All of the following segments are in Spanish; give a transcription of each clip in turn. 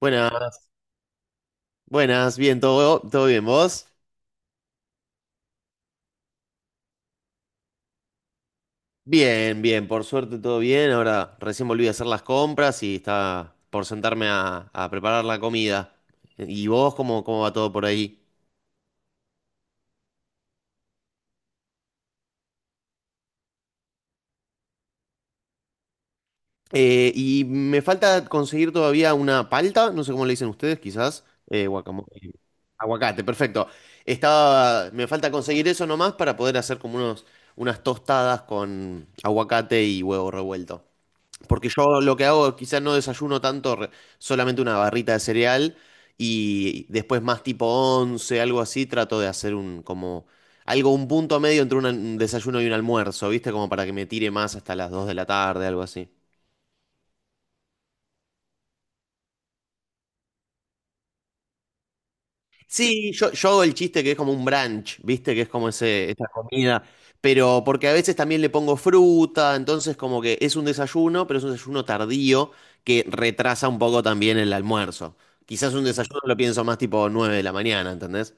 Buenas, buenas, bien, todo bien, ¿vos? Bien, bien, por suerte todo bien. Ahora recién volví a hacer las compras y está por sentarme a preparar la comida. ¿Y vos cómo va todo por ahí? Y me falta conseguir todavía una palta, no sé cómo le dicen ustedes, quizás. Aguacate, perfecto. Me falta conseguir eso nomás para poder hacer como unas tostadas con aguacate y huevo revuelto. Porque yo lo que hago, quizás no desayuno tanto. Solamente una barrita de cereal, y después más tipo 11 algo así, trato de hacer un como algo, un punto medio entre un desayuno y un almuerzo, ¿viste? Como para que me tire más hasta las 2 de la tarde, algo así. Sí, yo hago el chiste que es como un brunch, ¿viste? Que es como esa comida. Pero porque a veces también le pongo fruta, entonces como que es un desayuno, pero es un desayuno tardío que retrasa un poco también el almuerzo. Quizás un desayuno lo pienso más tipo 9 de la mañana, ¿entendés?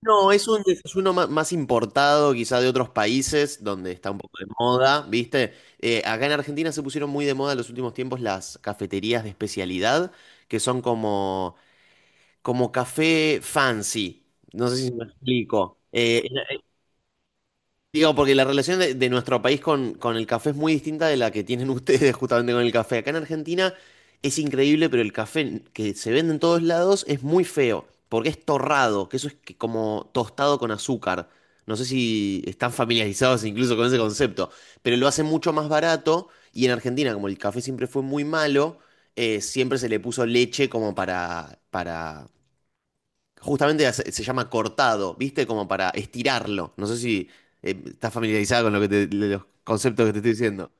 No, es un desayuno más importado quizá de otros países donde está un poco de moda, ¿viste? Acá en Argentina se pusieron muy de moda en los últimos tiempos las cafeterías de especialidad, que son como café fancy. No sé si me explico. Digo, porque la relación de nuestro país con el café es muy distinta de la que tienen ustedes, justamente, con el café. Acá en Argentina es increíble, pero el café que se vende en todos lados es muy feo, porque es torrado, que eso es que como tostado con azúcar. No sé si están familiarizados incluso con ese concepto, pero lo hace mucho más barato. Y en Argentina, como el café siempre fue muy malo, siempre se le puso leche como para justamente se llama cortado, ¿viste? Como para estirarlo. No sé si estás familiarizada con lo que los conceptos que te estoy diciendo.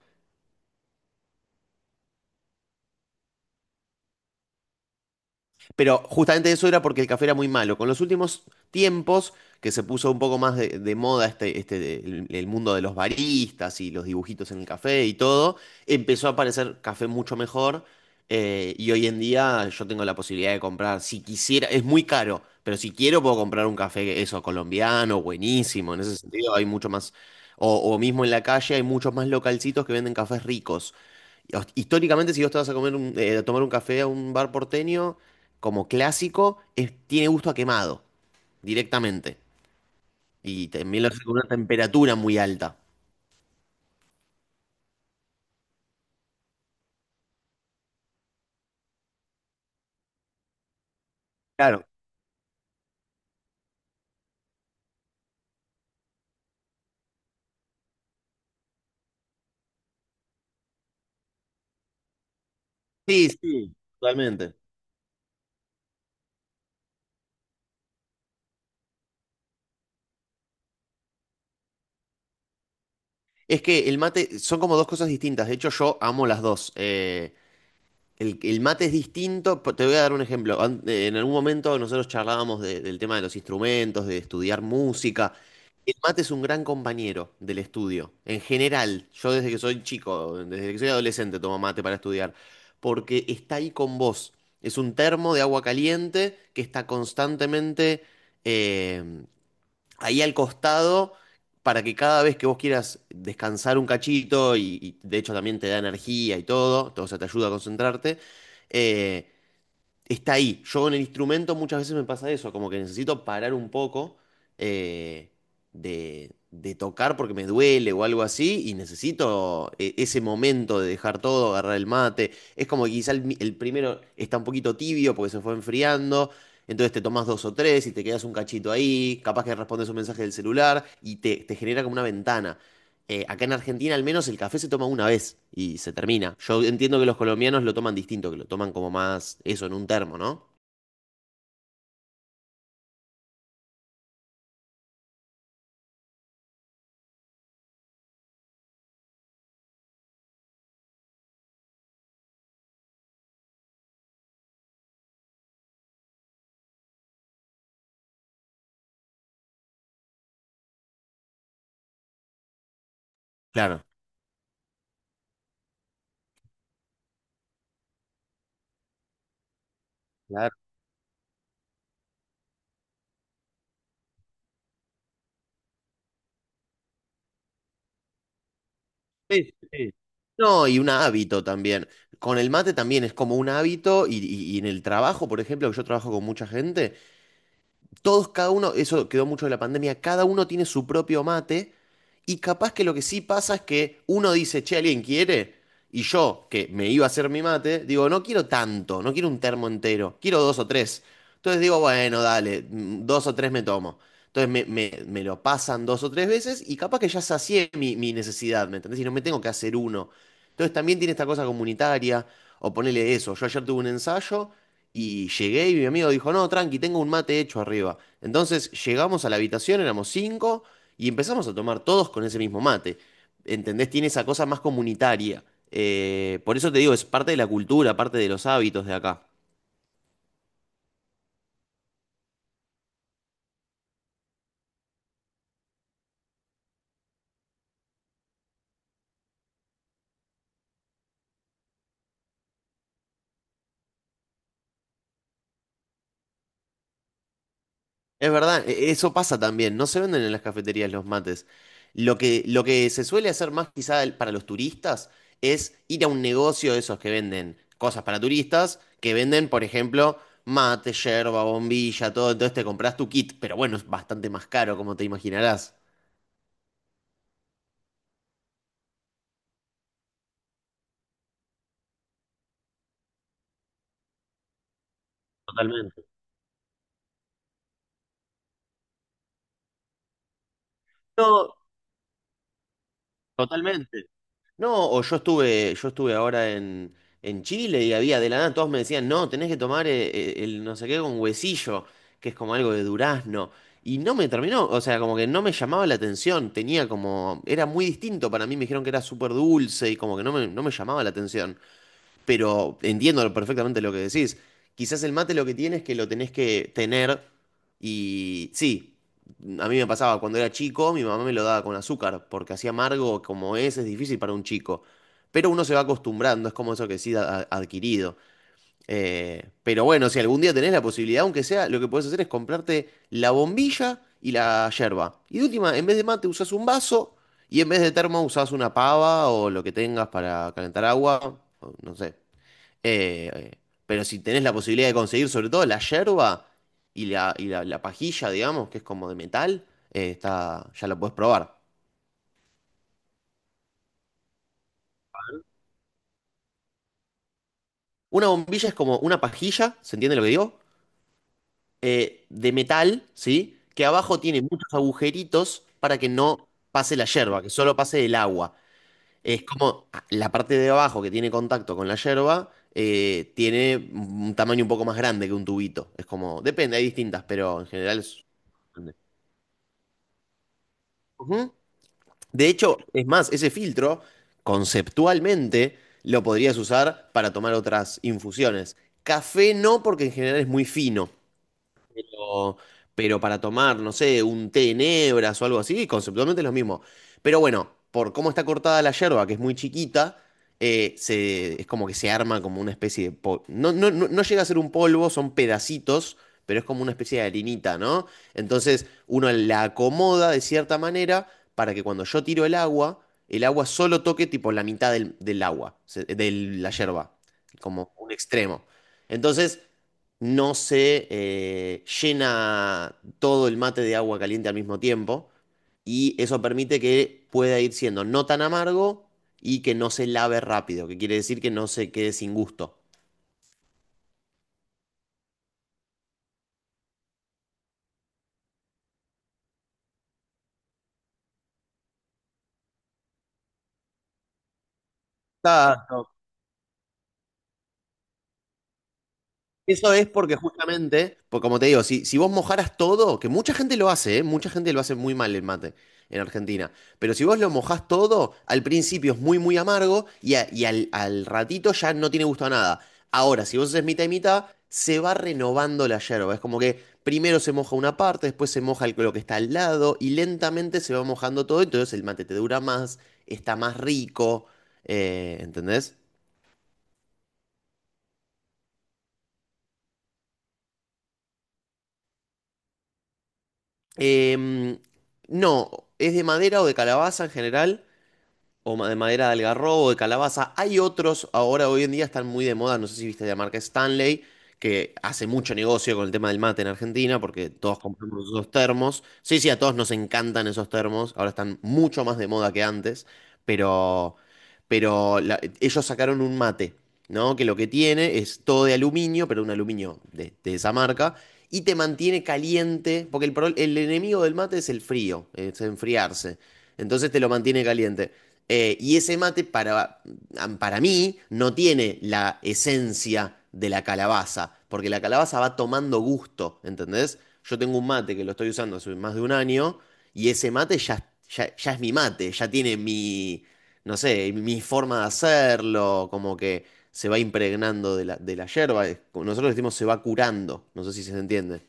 Pero justamente eso era porque el café era muy malo. Con los últimos tiempos, que se puso un poco más de moda el mundo de los baristas y los dibujitos en el café y todo, empezó a aparecer café mucho mejor. Y hoy en día yo tengo la posibilidad de comprar, si quisiera, es muy caro, pero si quiero puedo comprar un café, eso, colombiano, buenísimo. En ese sentido hay mucho más, o mismo en la calle hay muchos más localcitos que venden cafés ricos. Históricamente, si vos te vas a comer a tomar un café a un bar porteño, como clásico, tiene gusto a quemado, directamente. Y también lo hace con una temperatura muy alta. Claro. Sí, sí, totalmente. Es que el mate son como dos cosas distintas. De hecho, yo amo las dos. El mate es distinto. Te voy a dar un ejemplo. En algún momento nosotros charlábamos del tema de los instrumentos, de estudiar música. El mate es un gran compañero del estudio, en general. Yo desde que soy chico, desde que soy adolescente tomo mate para estudiar, porque está ahí con vos. Es un termo de agua caliente que está constantemente, eh, ahí al costado, para que cada vez que vos quieras descansar un cachito. Y de hecho también te da energía y o sea, te ayuda a concentrarte. eh, Está ahí. Yo con el instrumento muchas veces me pasa eso, como que necesito parar un poco, eh, de tocar porque me duele o algo así, y necesito, ese momento de dejar todo, agarrar el mate. Es como que quizá el primero está un poquito tibio porque se fue enfriando. Entonces te tomas dos o tres y te quedas un cachito ahí, capaz que respondes un mensaje del celular y te genera como una ventana. Acá en Argentina, al menos, el café se toma una vez y se termina. Yo entiendo que los colombianos lo toman distinto, que lo toman como más eso en un termo, ¿no? Claro. Claro. Sí, sí. No, y un hábito también. Con el mate también es como un hábito, y en el trabajo, por ejemplo, que yo trabajo con mucha gente, todos, cada uno, eso quedó mucho de la pandemia, cada uno tiene su propio mate. Y capaz que lo que sí pasa es que uno dice, che, ¿alguien quiere? Y yo, que me iba a hacer mi mate, digo, no quiero tanto, no quiero un termo entero, quiero dos o tres. Entonces digo, bueno, dale, dos o tres me tomo. Entonces me lo pasan dos o tres veces y capaz que ya sacié mi necesidad, ¿me entendés? Y no me tengo que hacer uno. Entonces también tiene esta cosa comunitaria, o ponele eso, yo ayer tuve un ensayo y llegué y mi amigo dijo, no, tranqui, tengo un mate hecho arriba. Entonces llegamos a la habitación, éramos cinco, y empezamos a tomar todos con ese mismo mate. ¿Entendés? Tiene esa cosa más comunitaria. Por eso te digo, es parte de la cultura, parte de los hábitos de acá. Es verdad, eso pasa también. No se venden en las cafeterías los mates. Lo que se suele hacer más, quizá, para los turistas, es ir a un negocio de esos que venden cosas para turistas, que venden, por ejemplo, mate, yerba, bombilla, todo. Entonces te compras tu kit, pero bueno, es bastante más caro, como te imaginarás. Totalmente. No, totalmente. No, o yo estuve, ahora en Chile, y había, de la nada, todos me decían, no, tenés que tomar, el, no sé qué, con huesillo, que es como algo de durazno. Y no me terminó, o sea, como que no me llamaba la atención, tenía como, era muy distinto para mí, me dijeron que era súper dulce y como que no me llamaba la atención, pero entiendo perfectamente lo que decís. Quizás el mate lo que tiene es que lo tenés que tener. Y sí, a mí me pasaba cuando era chico, mi mamá me lo daba con azúcar, porque así amargo como es difícil para un chico. Pero uno se va acostumbrando, es como eso que sí adquirido. Pero bueno, si algún día tenés la posibilidad, aunque sea, lo que podés hacer es comprarte la bombilla y la yerba. Y de última, en vez de mate usás un vaso, y en vez de termo usás una pava o lo que tengas para calentar agua, o no sé. Eh, pero si tenés la posibilidad de conseguir, sobre todo, la yerba y la pajilla, digamos, que es como de metal, está, ya la podés probar. Una bombilla es como una pajilla, ¿se entiende lo que digo? De metal, ¿sí? Que abajo tiene muchos agujeritos para que no pase la yerba, que solo pase el agua. Es como, la parte de abajo que tiene contacto con la yerba, tiene un tamaño un poco más grande que un tubito. Es como, depende, hay distintas, pero en general es... grande. Ujú. De hecho, es más, ese filtro, conceptualmente, lo podrías usar para tomar otras infusiones. Café no, porque en general es muy fino, pero, pero para tomar, no sé, un té en hebras o algo así, conceptualmente es lo mismo. Pero bueno, por cómo está cortada la yerba, que es muy chiquita, es como que se arma como una especie de... No, no, no, no llega a ser un polvo, son pedacitos, pero es como una especie de harinita, ¿no? Entonces uno la acomoda de cierta manera, para que cuando yo tiro el agua solo toque tipo la mitad del agua, de la yerba, como un extremo. Entonces no se, llena todo el mate de agua caliente al mismo tiempo, y eso permite que pueda ir siendo no tan amargo y que no se lave rápido, que quiere decir que no se quede sin gusto. Claro. Eso es porque justamente, pues como te digo, si vos mojaras todo, que mucha gente lo hace, ¿eh? Mucha gente lo hace muy mal, el mate en Argentina, pero si vos lo mojás todo, al principio es muy, muy amargo, y al ratito ya no tiene gusto a nada. Ahora, si vos haces mitad y mitad, se va renovando la yerba. Es como que primero se moja una parte, después se moja lo que está al lado, y lentamente se va mojando todo, entonces el mate te dura más, está más rico, ¿entendés? Em, no, es de madera o de calabaza, en general. O de madera de algarrobo, o de calabaza. Hay otros, ahora hoy en día están muy de moda, no sé si viste la marca Stanley, que hace mucho negocio con el tema del mate en Argentina, porque todos compramos esos termos. Sí, sí, a todos nos encantan esos termos, ahora están mucho más de moda que antes, pero, pero ellos sacaron un mate, ¿no? Que lo que tiene es todo de aluminio, pero un aluminio de esa marca. Y te mantiene caliente, porque el enemigo del mate es el frío, es enfriarse. Entonces te lo mantiene caliente. Y ese mate, para mí no tiene la esencia de la calabaza, porque la calabaza va tomando gusto, ¿entendés? Yo tengo un mate que lo estoy usando hace más de un año, y ese mate ya, ya, ya es mi mate, ya tiene mi, no sé, mi forma de hacerlo, como que se va impregnando de la yerba. Nosotros decimos se va curando, no sé si se entiende.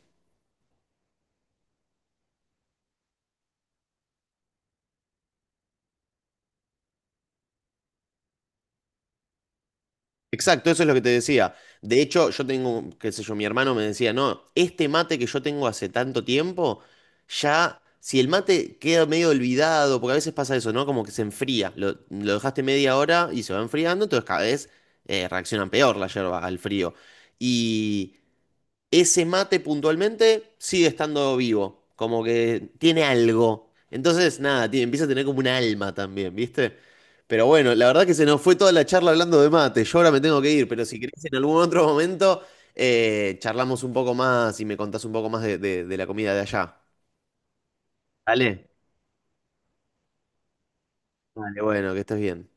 Exacto, eso es lo que te decía. De hecho, yo tengo, qué sé yo, mi hermano me decía, no, este mate que yo tengo hace tanto tiempo, ya, si el mate queda medio olvidado, porque a veces pasa eso, ¿no? Como que se enfría, lo dejaste media hora y se va enfriando, entonces cada vez, reaccionan peor la yerba al frío. Y ese mate, puntualmente, sigue estando vivo, como que tiene algo. Entonces, nada, empieza a tener como un alma también, ¿viste? Pero bueno, la verdad que se nos fue toda la charla hablando de mate. Yo ahora me tengo que ir, pero si querés en algún otro momento, charlamos un poco más y me contás un poco más de la comida de allá. ¿Vale? Vale, bueno, que estés bien.